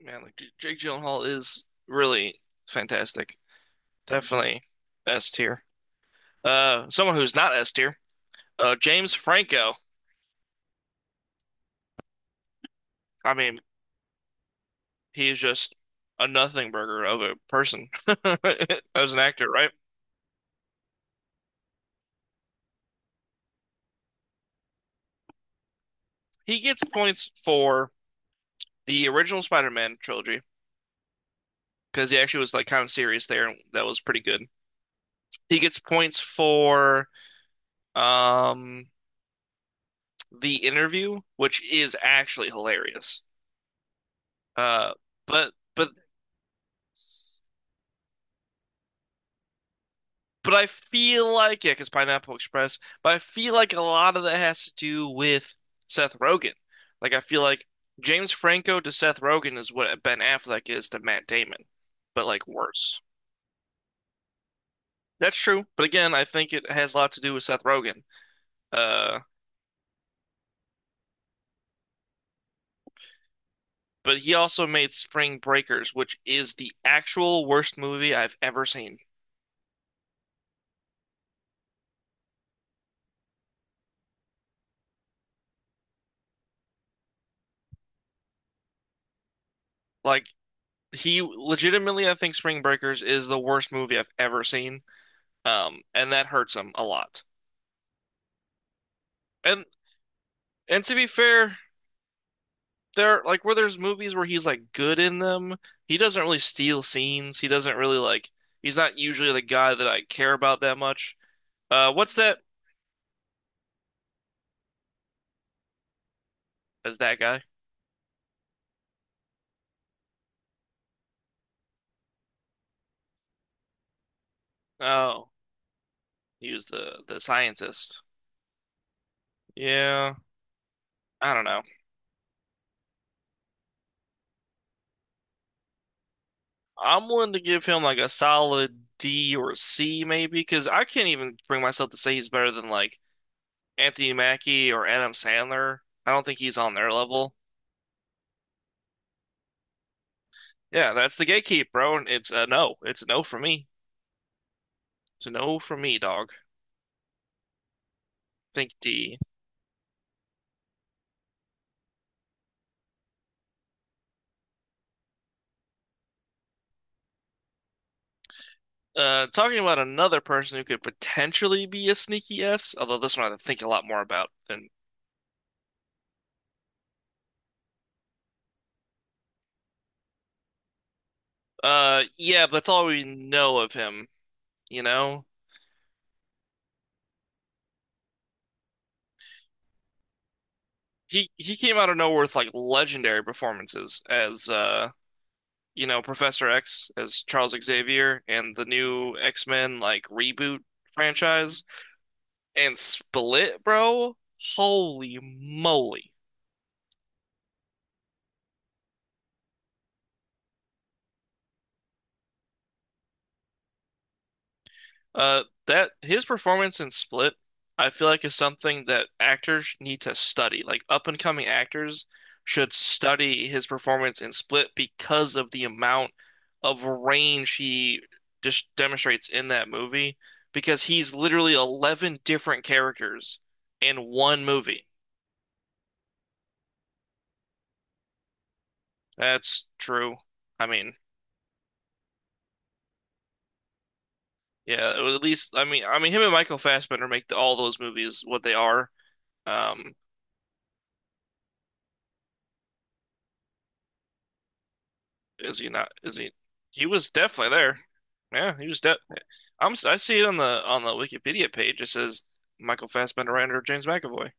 Man, like Jake Gyllenhaal is really fantastic. Definitely S tier. Someone who's not S tier, James Franco. I mean, he is just a nothing burger of a person as an actor, right? He gets points for the original Spider-Man trilogy because he actually was like kind of serious there, and that was pretty good. He gets points for um The Interview, which is actually hilarious. Uh, but but But I feel like, yeah, because Pineapple Express, but I feel like a lot of that has to do with Seth Rogen. Like, I feel like James Franco to Seth Rogen is what Ben Affleck is to Matt Damon, but like worse. That's true. But again, I think it has a lot to do with Seth Rogen. Uh, but he also made Spring Breakers, which is the actual worst movie I've ever seen. Like, he legitimately, I think Spring Breakers is the worst movie I've ever seen. And that hurts him a lot. And And to be fair, there like where there's movies where he's like good in them, he doesn't really steal scenes. He doesn't really like he's not usually the guy that I care about that much. What's that? Is that guy? Oh, he was the scientist. Yeah, I don't know. I'm willing to give him like a solid D or a C maybe because I can't even bring myself to say he's better than like Anthony Mackie or Adam Sandler. I don't think he's on their level. Yeah, that's the gatekeep, bro. It's a no. It's a no for me. So no for me, dog. Think D. Talking about another person who could potentially be a sneaky S, although this one I have to think a lot more about than. Yeah, but that's all we know of him. You know, he came out of nowhere with like legendary performances as you know, Professor X as Charles Xavier and the new X-Men like reboot franchise and Split, bro. Holy moly. That his performance in Split, I feel like is something that actors need to study. Like up and coming actors should study his performance in Split because of the amount of range he just demonstrates in that movie. Because he's literally 11 different characters in one movie. That's true. I mean, yeah, it was at least I mean him and Michael Fassbender make all those movies what they are. Um, Is he not? Is he? He was definitely there. Yeah, he was de I'm. S- I see it on the Wikipedia page. It says Michael Fassbender and or James McAvoy.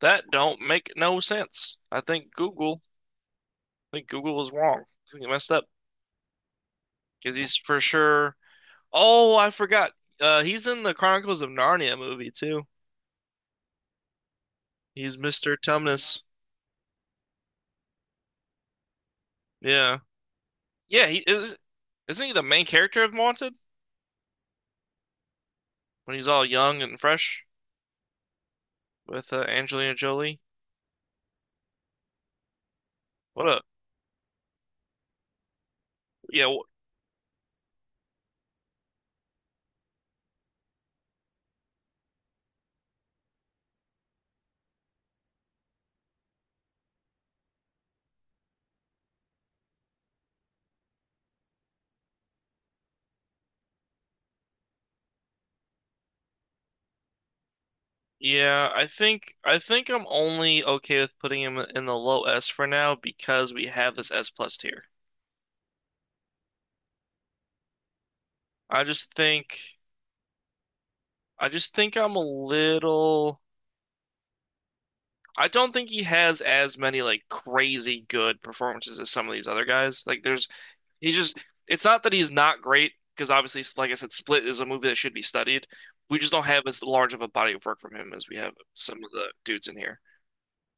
That don't make no sense. I think Google. I think Google was wrong. I think it messed up because he's for sure. Oh, I forgot. He's in the Chronicles of Narnia movie too. He's Mr. Tumnus. Yeah, yeah. He is. Isn't he the main character of Wanted when he's all young and fresh with Angelina Jolie? What a yeah. Yeah, I think I'm only okay with putting him in the low S for now because we have this S plus tier. I just think I just think I'm a little I don't think he has as many like crazy good performances as some of these other guys. Like there's he just it's not that he's not great because obviously like I said Split is a movie that should be studied. We just don't have as large of a body of work from him as we have some of the dudes in here.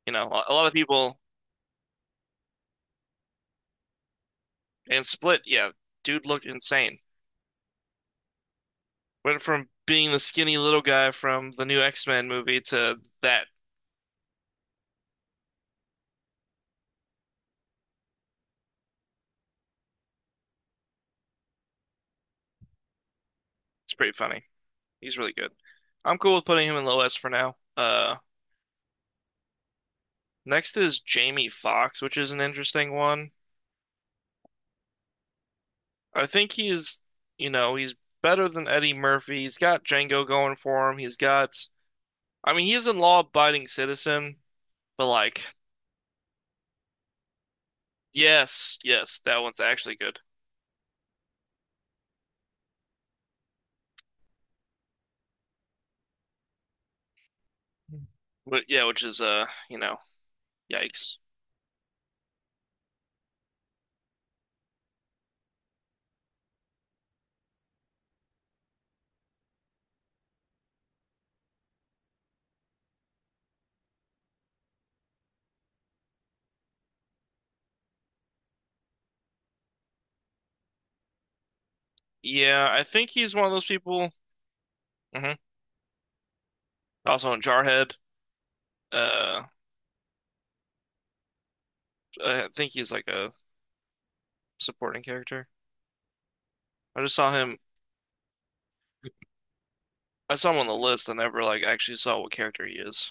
You know, a lot of people in Split, yeah, dude looked insane. Went from being the skinny little guy from the new X-Men movie to that. It's pretty funny. He's really good. I'm cool with putting him in low S for now. Next is Jamie Foxx, which is an interesting one. I think he's, you know, he's better than Eddie Murphy. He's got Django going for him. He's got, I mean, he's a law-abiding citizen, but like, yes, yes, that one's actually good. But yeah, which is, you know, yikes. Yeah, I think he's one of those people. Hmm. Also in Jarhead. Uh, I think he's like a supporting character. I just saw him. I saw him on the list. I never like actually saw what character he is.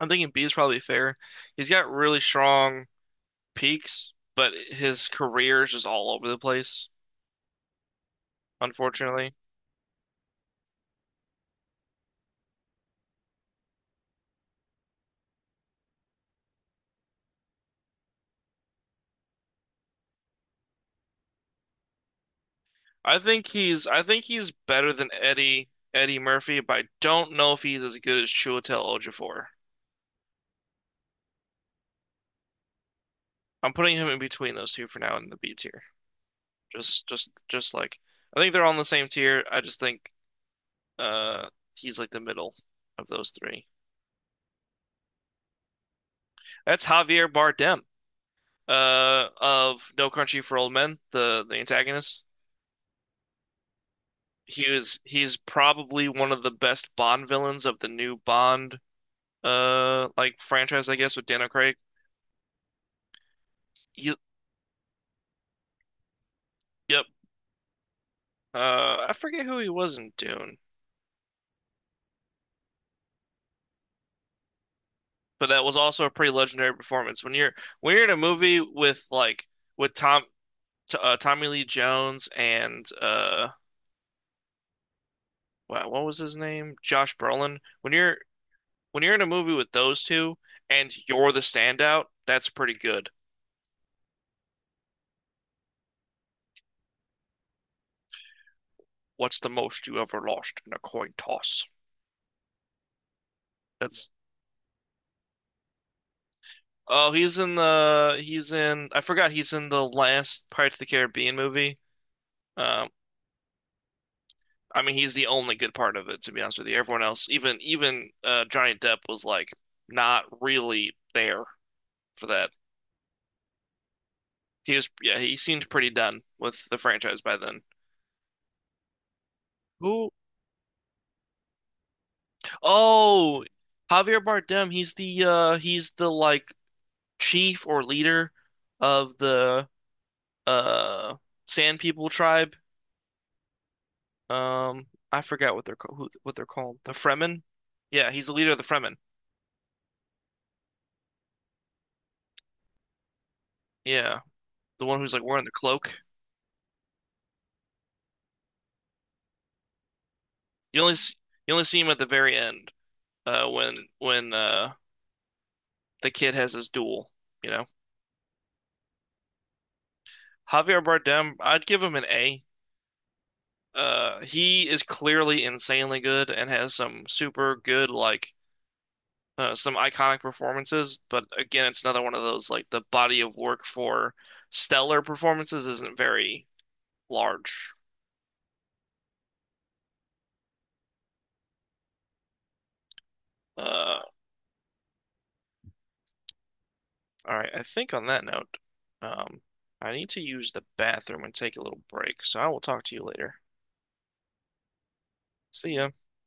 I'm thinking B is probably fair. He's got really strong peaks, but his career is just all over the place, unfortunately. I think he's better than Eddie Murphy, but I don't know if he's as good as Chiwetel Ejiofor. I'm putting him in between those two for now in the B tier. Just like I think they're all on the same tier. I just think Uh, he's like the middle of those three. That's Javier Bardem, of No Country for Old Men, the antagonist. He's probably one of the best Bond villains of the new Bond like franchise, I guess, with Daniel Craig. He, yep. I forget who he was in Dune, but that was also a pretty legendary performance. When you're in a movie with like with Tommy Lee Jones and wow, what was his name? Josh Brolin. When you're in a movie with those two and you're the standout, that's pretty good. What's the most you ever lost in a coin toss? That's oh, he's in I forgot he's in the last Pirates of the Caribbean movie. Um, I mean he's the only good part of it to be honest with you. Everyone else, even Johnny Depp was like not really there for that. He was yeah he seemed pretty done with the franchise by then. Who? Oh, Javier Bardem. He's the like chief or leader of the uh Sand People tribe. Um, I forgot what they're ca- who, what they're called. The Fremen. Yeah, he's the leader of the Fremen. Yeah, the one who's like wearing the cloak. You only s- you only see him at the very end, when the kid has his duel. You know, Javier Bardem. I'd give him an A. He is clearly insanely good and has some super good like some iconic performances, but again, it's another one of those like the body of work for stellar performances isn't very large. Uh, all right, I think on that note, um, I need to use the bathroom and take a little break, so I will talk to you later. See ya.